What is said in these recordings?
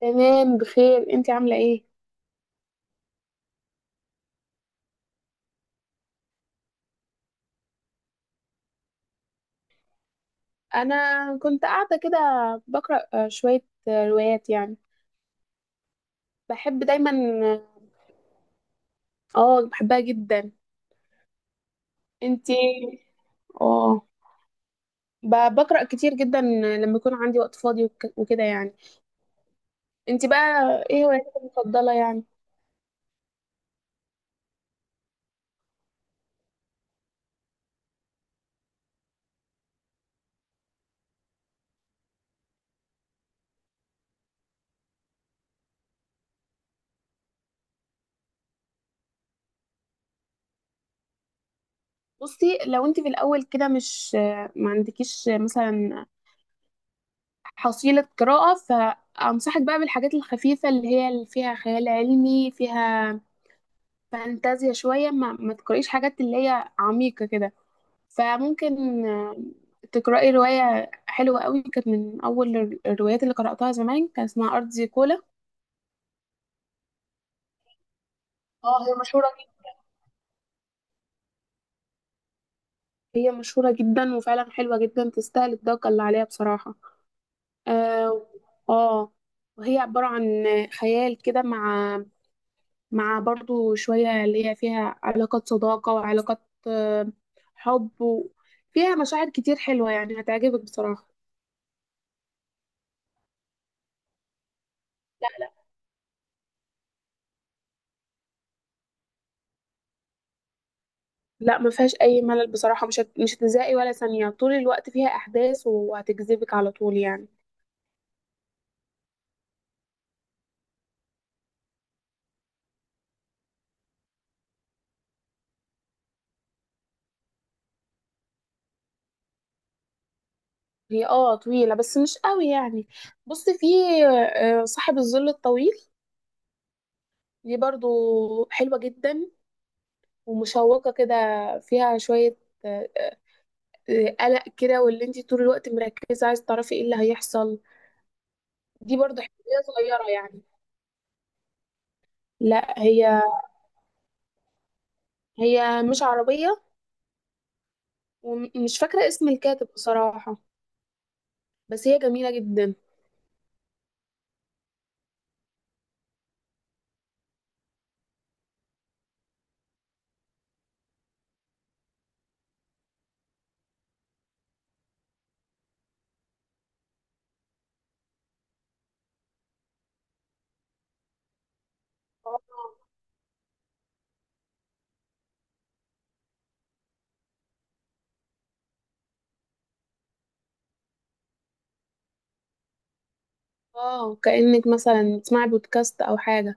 تمام بخير، انتي عاملة ايه؟ انا كنت قاعدة كده بقرأ شوية روايات يعني. بحب دايما. اه. بحبها جدا. انتي اه بقرأ كتير جدا لما يكون عندي وقت فاضي وكده يعني. انتي بقى، ايه هواياتك المفضلة يعني؟ بصي، لو انتي في الاول كده مش ما عندكيش مثلا حصيلة قراءة، فأنصحك بقى بالحاجات الخفيفة اللي هي اللي فيها خيال علمي، فيها فانتازيا شوية. ما تقرأيش حاجات اللي هي عميقة كده. فممكن تقرأي رواية حلوة قوي. كانت من أول الروايات اللي قرأتها زمان، كان اسمها أرض زيكولا. اه، هي مشهورة جدا. هي مشهورة جدا، وفعلا حلوة جدا، تستاهل الضجة اللي عليها بصراحة. اه. آه، وهي عبارة عن خيال كده، مع برضو شوية اللي هي فيها علاقات صداقة وعلاقات حب فيها مشاعر كتير حلوة، يعني هتعجبك بصراحة. لا، ما فيهاش اي ملل بصراحه. مش هتزهقي ولا ثانيه، طول الوقت فيها احداث وهتجذبك على طول يعني. هي اه طويله بس مش قوي يعني. بصي في صاحب الظل الطويل. دي برضو حلوه جدا ومشوقه كده. فيها شويه آه، آه، قلق كده، واللي انت طول الوقت مركزه عايز تعرفي ايه اللي هيحصل. دي برضو حلوه صغيره يعني. لا، هي مش عربيه، ومش فاكره اسم الكاتب بصراحه. بس هي جميله جدا. اه، كأنك مثلا بتسمعي بودكاست او حاجه.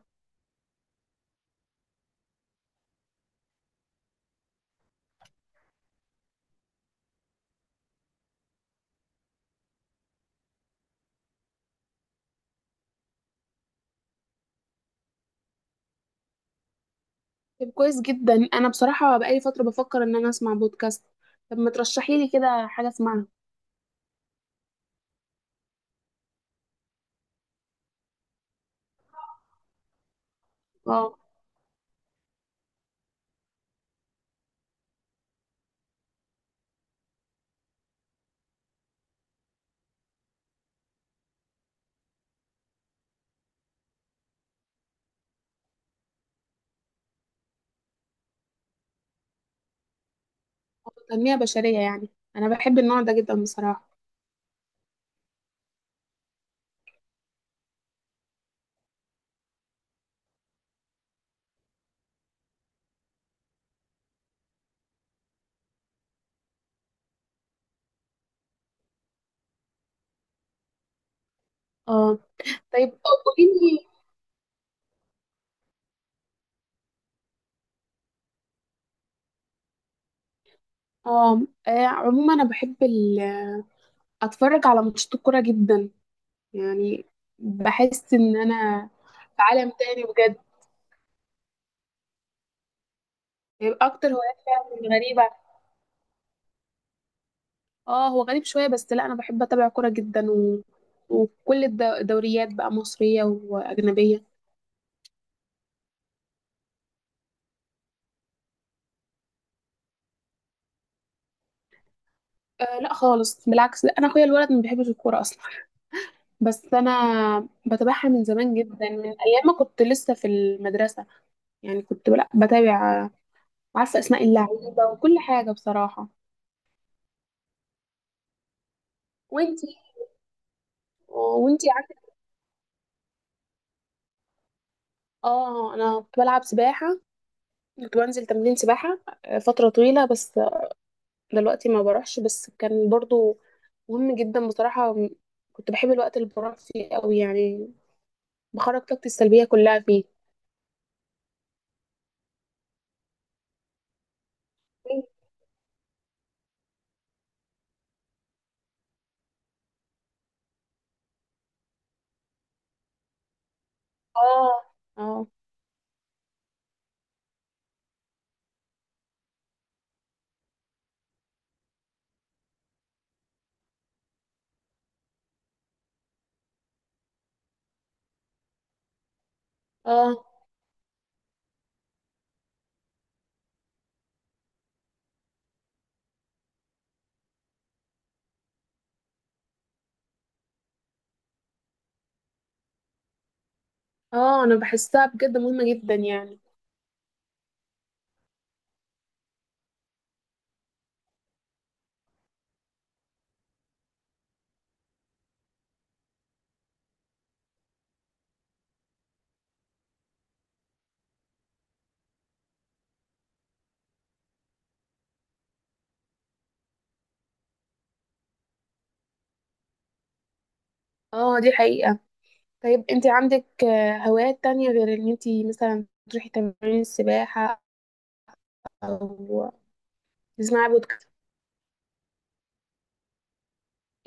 طب كويس جدا، انا بصراحه بقالي فتره بفكر ان انا اسمع بودكاست. طب ما ترشحي لي كده حاجه اسمعها. اه. تنميه بشريه يعني. انا بحب النوع ده جدا بصراحه. اه، طيب قولي لي. اه. عموما انا بحب اتفرج على ماتشات الكوره جدا يعني. بحس ان انا في عالم تاني بجد. طيب اكتر هوايات فعلا غريبه. اه، هو غريب شوية، بس لا انا بحب اتابع كورة جدا وكل الدوريات بقى، مصرية واجنبية. آه، لا خالص، بالعكس. لا انا اخويا الولد ما بيحبش الكورة اصلا. بس انا بتابعها من زمان جدا، من ايام ما كنت لسه في المدرسة. يعني كنت لا بتابع عارفة اسماء اللعيبة وكل حاجة بصراحة. وانتي. وانتي عارفة؟ اه، انا كنت بلعب سباحة. كنت بنزل تمرين سباحة فترة طويلة. بس دلوقتي ما بروحش. بس كان برضو مهم جدا بصراحة. كنت بحب الوقت اللي بروح فيه قوي يعني، بخرج طاقتي السلبية كلها فيه. اه. اه. اه. اه، انا بحسها بجد مهمة جدا يعني. اه، دي حقيقة. طيب انت عندك هوايات تانية غير ان انت مثلا تروحي تمارين السباحة او تسمعي بودكاست؟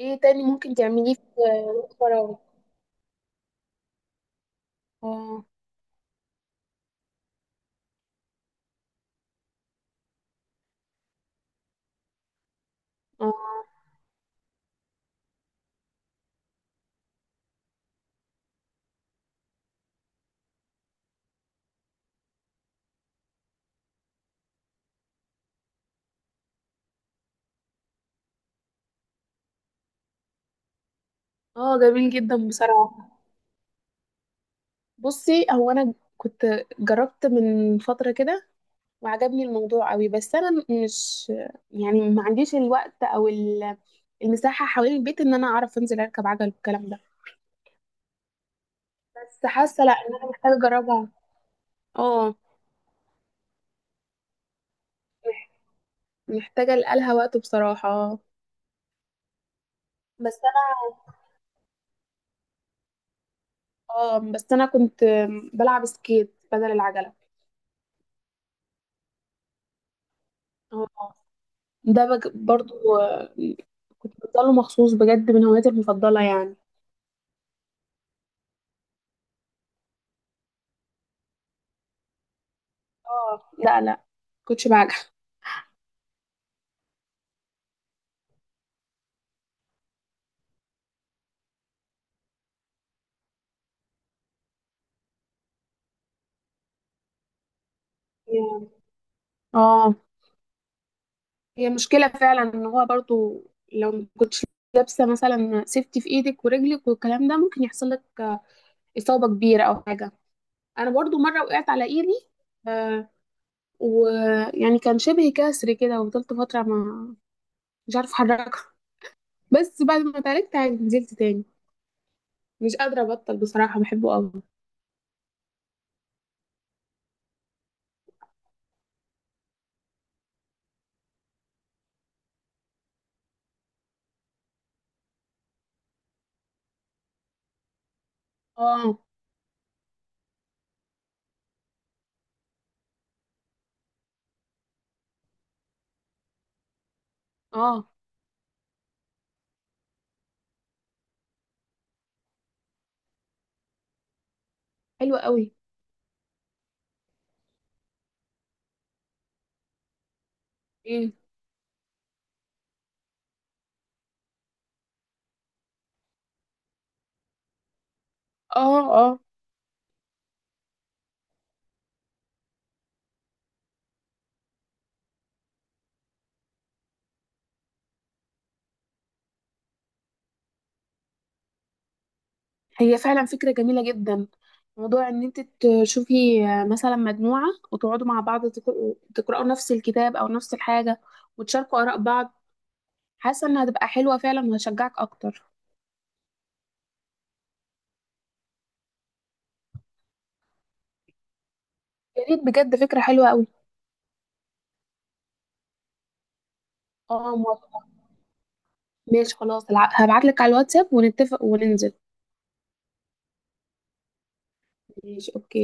ايه تاني ممكن تعمليه في وقت فراغك؟ اه. اه. اه، جميل جدا بصراحة. بصي، هو انا كنت جربت من فتره كده وعجبني الموضوع قوي، بس انا مش يعني ما عنديش الوقت او المساحه حوالين البيت ان انا اعرف انزل اركب عجل والكلام ده. بس حاسه لا، ان انا محتاجه اجربها. اه. مح- محتاجه لقالها وقت بصراحه. بس انا. اه، بس انا كنت بلعب سكيت بدل العجله. اه. ده برضو كنت بفضله مخصوص بجد، من هواياتي المفضله يعني. اه، لا لا كنتش بعجل. اه، هي مشكلة فعلا، ان هو برضو لو ما كنتش لابسة مثلا سيفتي في ايدك ورجلك والكلام ده، ممكن يحصل لك إصابة كبيرة او حاجة. انا برضو مرة وقعت على ايدي. آه ويعني كان شبه كسر كده، وفضلت فترة ما مش عارفة احركها. بس بعد ما اتعالجت عادي نزلت تاني. مش قادرة ابطل بصراحة، بحبه قوي. اه. اه، حلو قوي. ايه. اه. اه، هي فعلا فكرة جميلة جدا. موضوع ان انت تشوفي مثلا مجموعة، وتقعدوا مع بعض تقرأوا نفس الكتاب او نفس الحاجة، وتشاركوا آراء بعض. حاسة انها هتبقى حلوة فعلا، وهشجعك اكتر. يا ريت بجد، فكرة حلوة قوي. اه، موافقة. ماشي خلاص، هبعت لك على الواتساب ونتفق وننزل. ماشي اوكي.